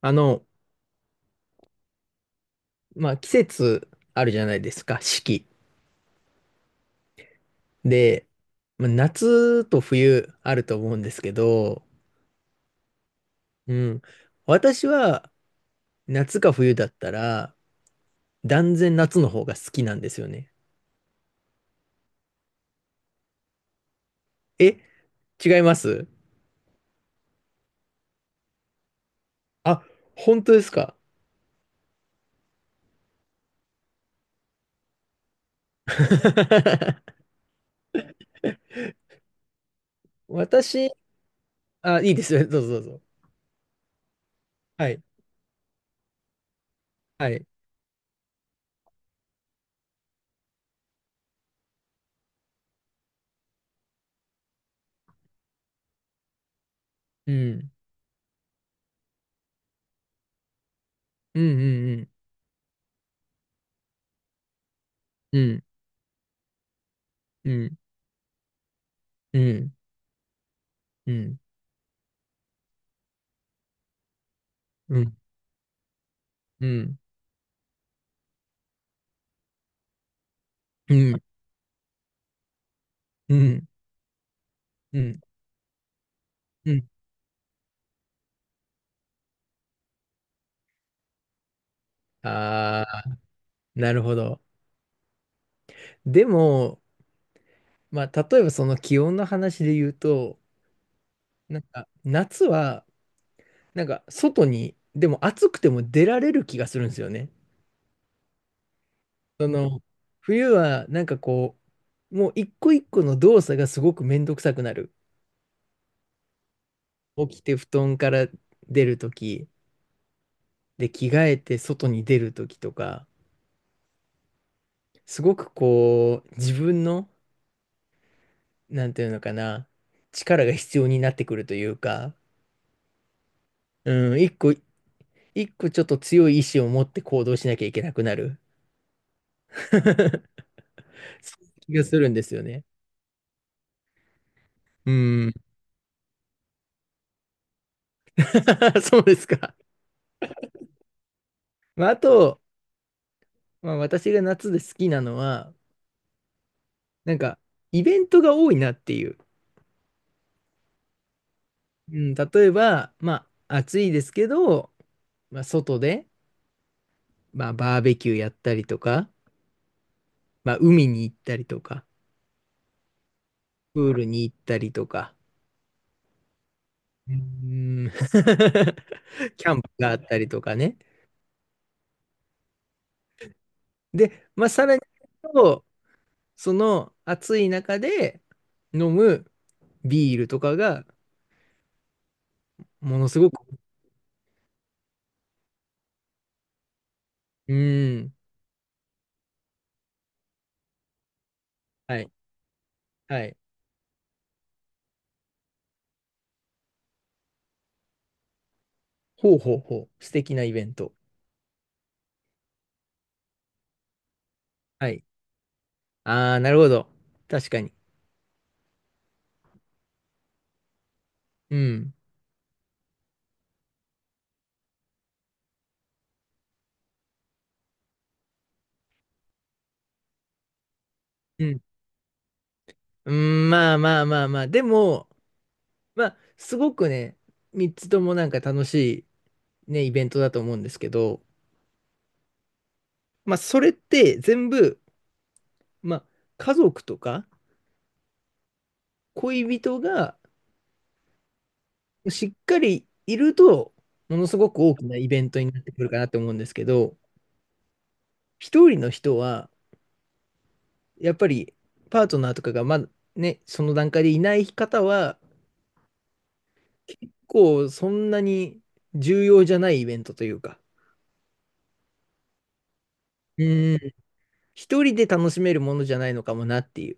あの、まあ、季節あるじゃないですか、四季。で、まあ、夏と冬あると思うんですけど、うん。私は夏か冬だったら、断然夏の方が好きなんですよね。え、違います。あ、本当ですか？ 私、あ、いいですよ。どうぞどうぞ。はい。はい。うん。うんうんうん。うん。うん。うん。うん。うん。うん。うん。うん。うん。ああ。なるほど。でも、まあ、例えばその気温の話で言うと、なんか夏は、なんか外に、でも暑くても出られる気がするんですよね。その、冬はなんかこう、もう一個一個の動作がすごくめんどくさくなる。起きて布団から出るとき、で、着替えて外に出るときとか、すごくこう、自分の、なんていうのかな、力が必要になってくるというか、うん、一個一個ちょっと強い意志を持って行動しなきゃいけなくなる。そういう気がするんですよね。うーん。そうですか。まあ、あと、まあ、私が夏で好きなのは、なんか、イベントが多いなっていう。うん、例えば、まあ、暑いですけど、まあ、外で、まあ、バーベキューやったりとか、まあ、海に行ったりとか、プールに行ったりとか、うーん キャンプがあったりとかね。で、まあ、さらに言うと、その暑い中で飲むビールとかがものすごく、うーん、はい、はい。ほうほうほう、素敵なイベント。はい。ああ、なるほど。確かに。うん。うん。うん、まあまあまあまあ。でも、まあ、すごくね、3つともなんか楽しいね、イベントだと思うんですけど、まあ、それって全部、まあ、家族とか恋人がしっかりいると、ものすごく大きなイベントになってくるかなって思うんですけど、一人の人は、やっぱりパートナーとかがまだね、その段階でいない方は、結構そんなに重要じゃないイベントというか、うん、一人で楽しめるものじゃないのかもなっていう。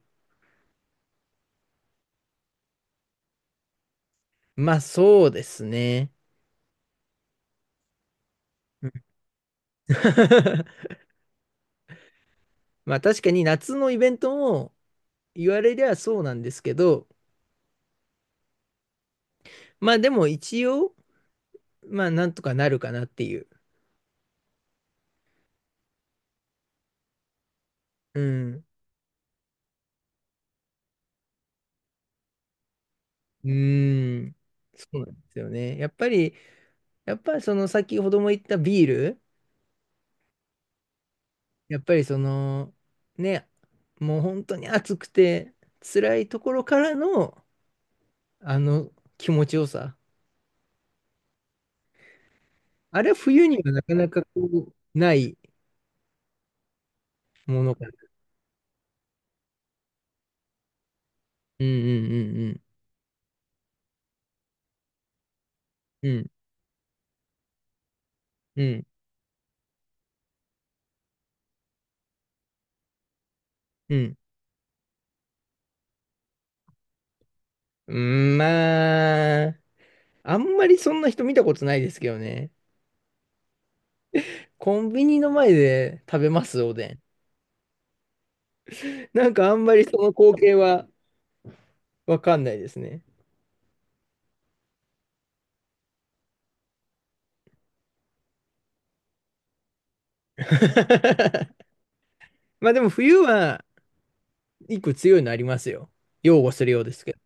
まあそうですね。うん まあ確かに夏のイベントも言われりゃそうなんですけど、まあでも一応、まあなんとかなるかなっていう。うん。うーん、そうなんですよね。やっぱりその先ほども言ったビール、やっぱりその、ね、もう本当に暑くて辛いところからの、あの気持ちよさ。あれは冬にはなかなかこう、ないものかな。うんうんうんうん。うんうんうん。うん、まあ、あんまりそんな人見たことないですけどね。コンビニの前で食べます、おでん。なんかあんまりその光景はわかんないですね。まあでも冬は一個強いのありますよ。擁護するようですけど。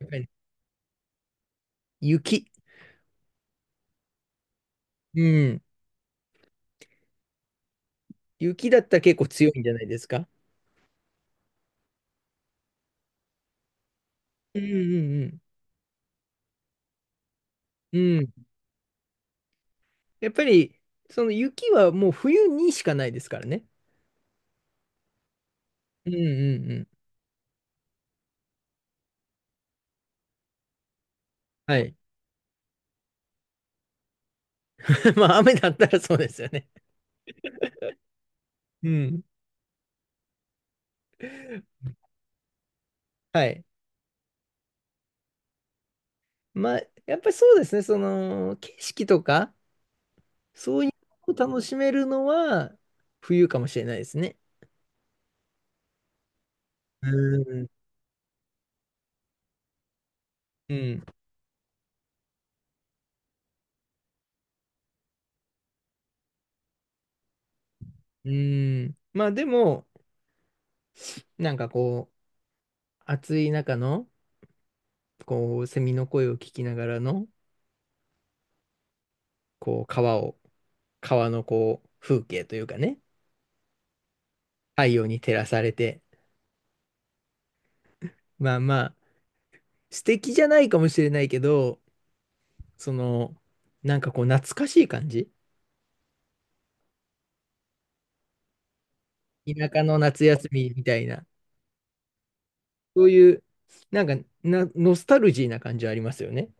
やっぱりね、雪。うん。雪だったら結構強いんじゃないですか？うんうんうん。うん。やっぱり、その雪はもう冬にしかないですからね。うんうんうん。はい。まあ雨だったらそうですよね。うん。はい。まあ、やっぱりそうですね。その、景色とか、そういうのを楽しめるのは冬かもしれないですね。うん。うん。うーん。まあでも、なんかこう、暑い中の、こう、セミの声を聞きながらの、こう、川のこう、風景というかね、太陽に照らされて、まあまあ、素敵じゃないかもしれないけど、その、なんかこう、懐かしい感じ田舎の夏休みみたいな、そういう、なんかな、ノスタルジーな感じはありますよね。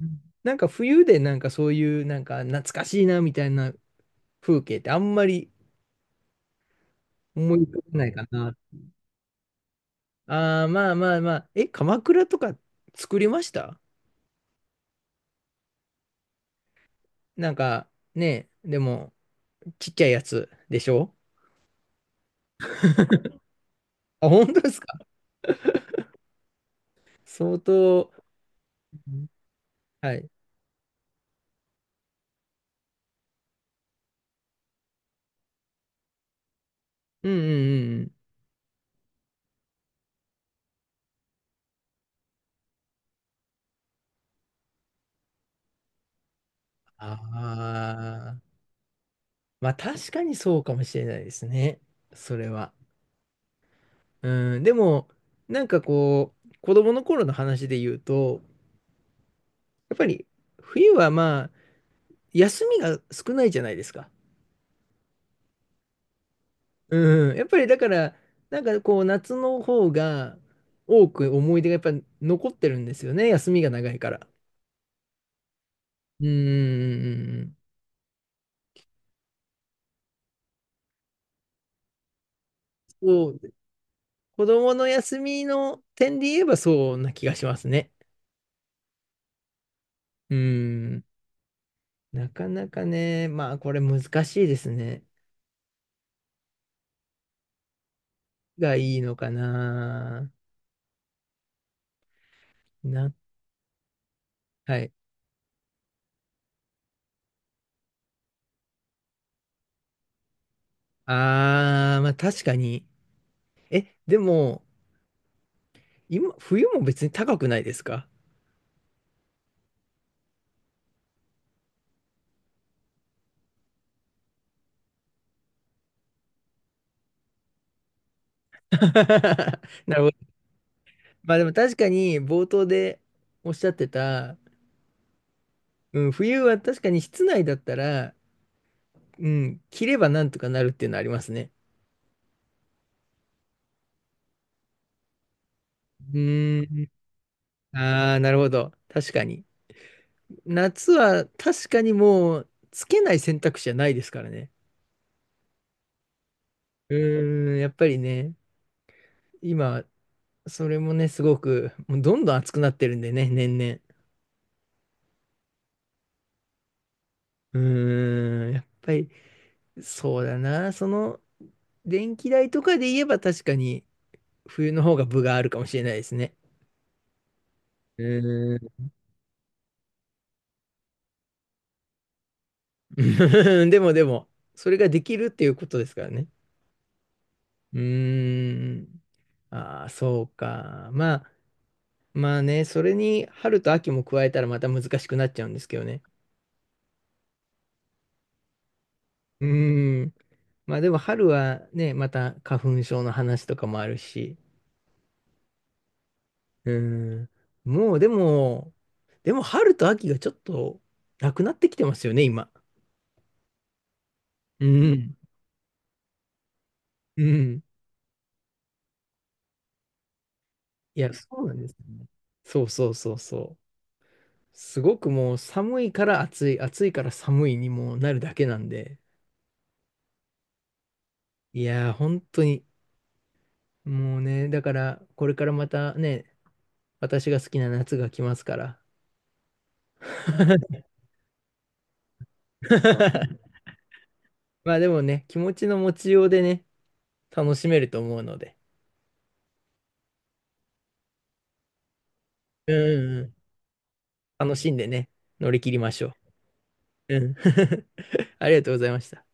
うん、なんか冬でなんかそういう、なんか懐かしいなみたいな風景ってあんまり、思い浮かばないかな。ああ、まあまあまあ。え、鎌倉とか作りました。なんかね、でも、ちっちゃいやつでしょ？あ、本当ですか？相当、はい。うんうんうんうん。ああ、まあ確かにそうかもしれないですね。それは。うん、でも、なんかこう、子供の頃の話で言うと、やっぱり冬はまあ、休みが少ないじゃないですか。うん、やっぱりだから、なんかこう夏の方が多く思い出がやっぱ残ってるんですよね、休みが長いから。うん、そう、子供の休みの点で言えばそうな気がしますね。うん、なかなかね、まあこれ難しいですね。がいいのかな。な、はい。あー、まあ確かに。え、でも、今、冬も別に高くないですか？ なるほど。まあでも確かに冒頭でおっしゃってた、うん、冬は確かに室内だったら、うん、着ればなんとかなるっていうのはありますね。うーん。ああ、なるほど。確かに。夏は確かにもうつけない選択肢じゃないですからね。うーん、やっぱりね、今、それもね、すごく、もうどんどん暑くなってるんでね、年々。うーん、やっぱりそうだな。その、電気代とかで言えば確かに冬の方が分があるかもしれないですね。ー、うーん でも、それができるっていうことですからね。うーん。ああ、そうか。まあね、それに春と秋も加えたらまた難しくなっちゃうんですけどね。うーん。まあでも春はね、また花粉症の話とかもあるし、うん。もうでも春と秋がちょっとなくなってきてますよね、今。うん。うん。いや、そうなんですよね。そうそうそうそう。すごくもう寒いから暑い、暑いから寒いにもうなるだけなんで。いやー、本当に。もうね、だから、これからまたね、私が好きな夏が来ますから。まあでもね、気持ちの持ちようでね、楽しめると思うので。うんうんうん。楽しんでね、乗り切りましょう。うん。ありがとうございました。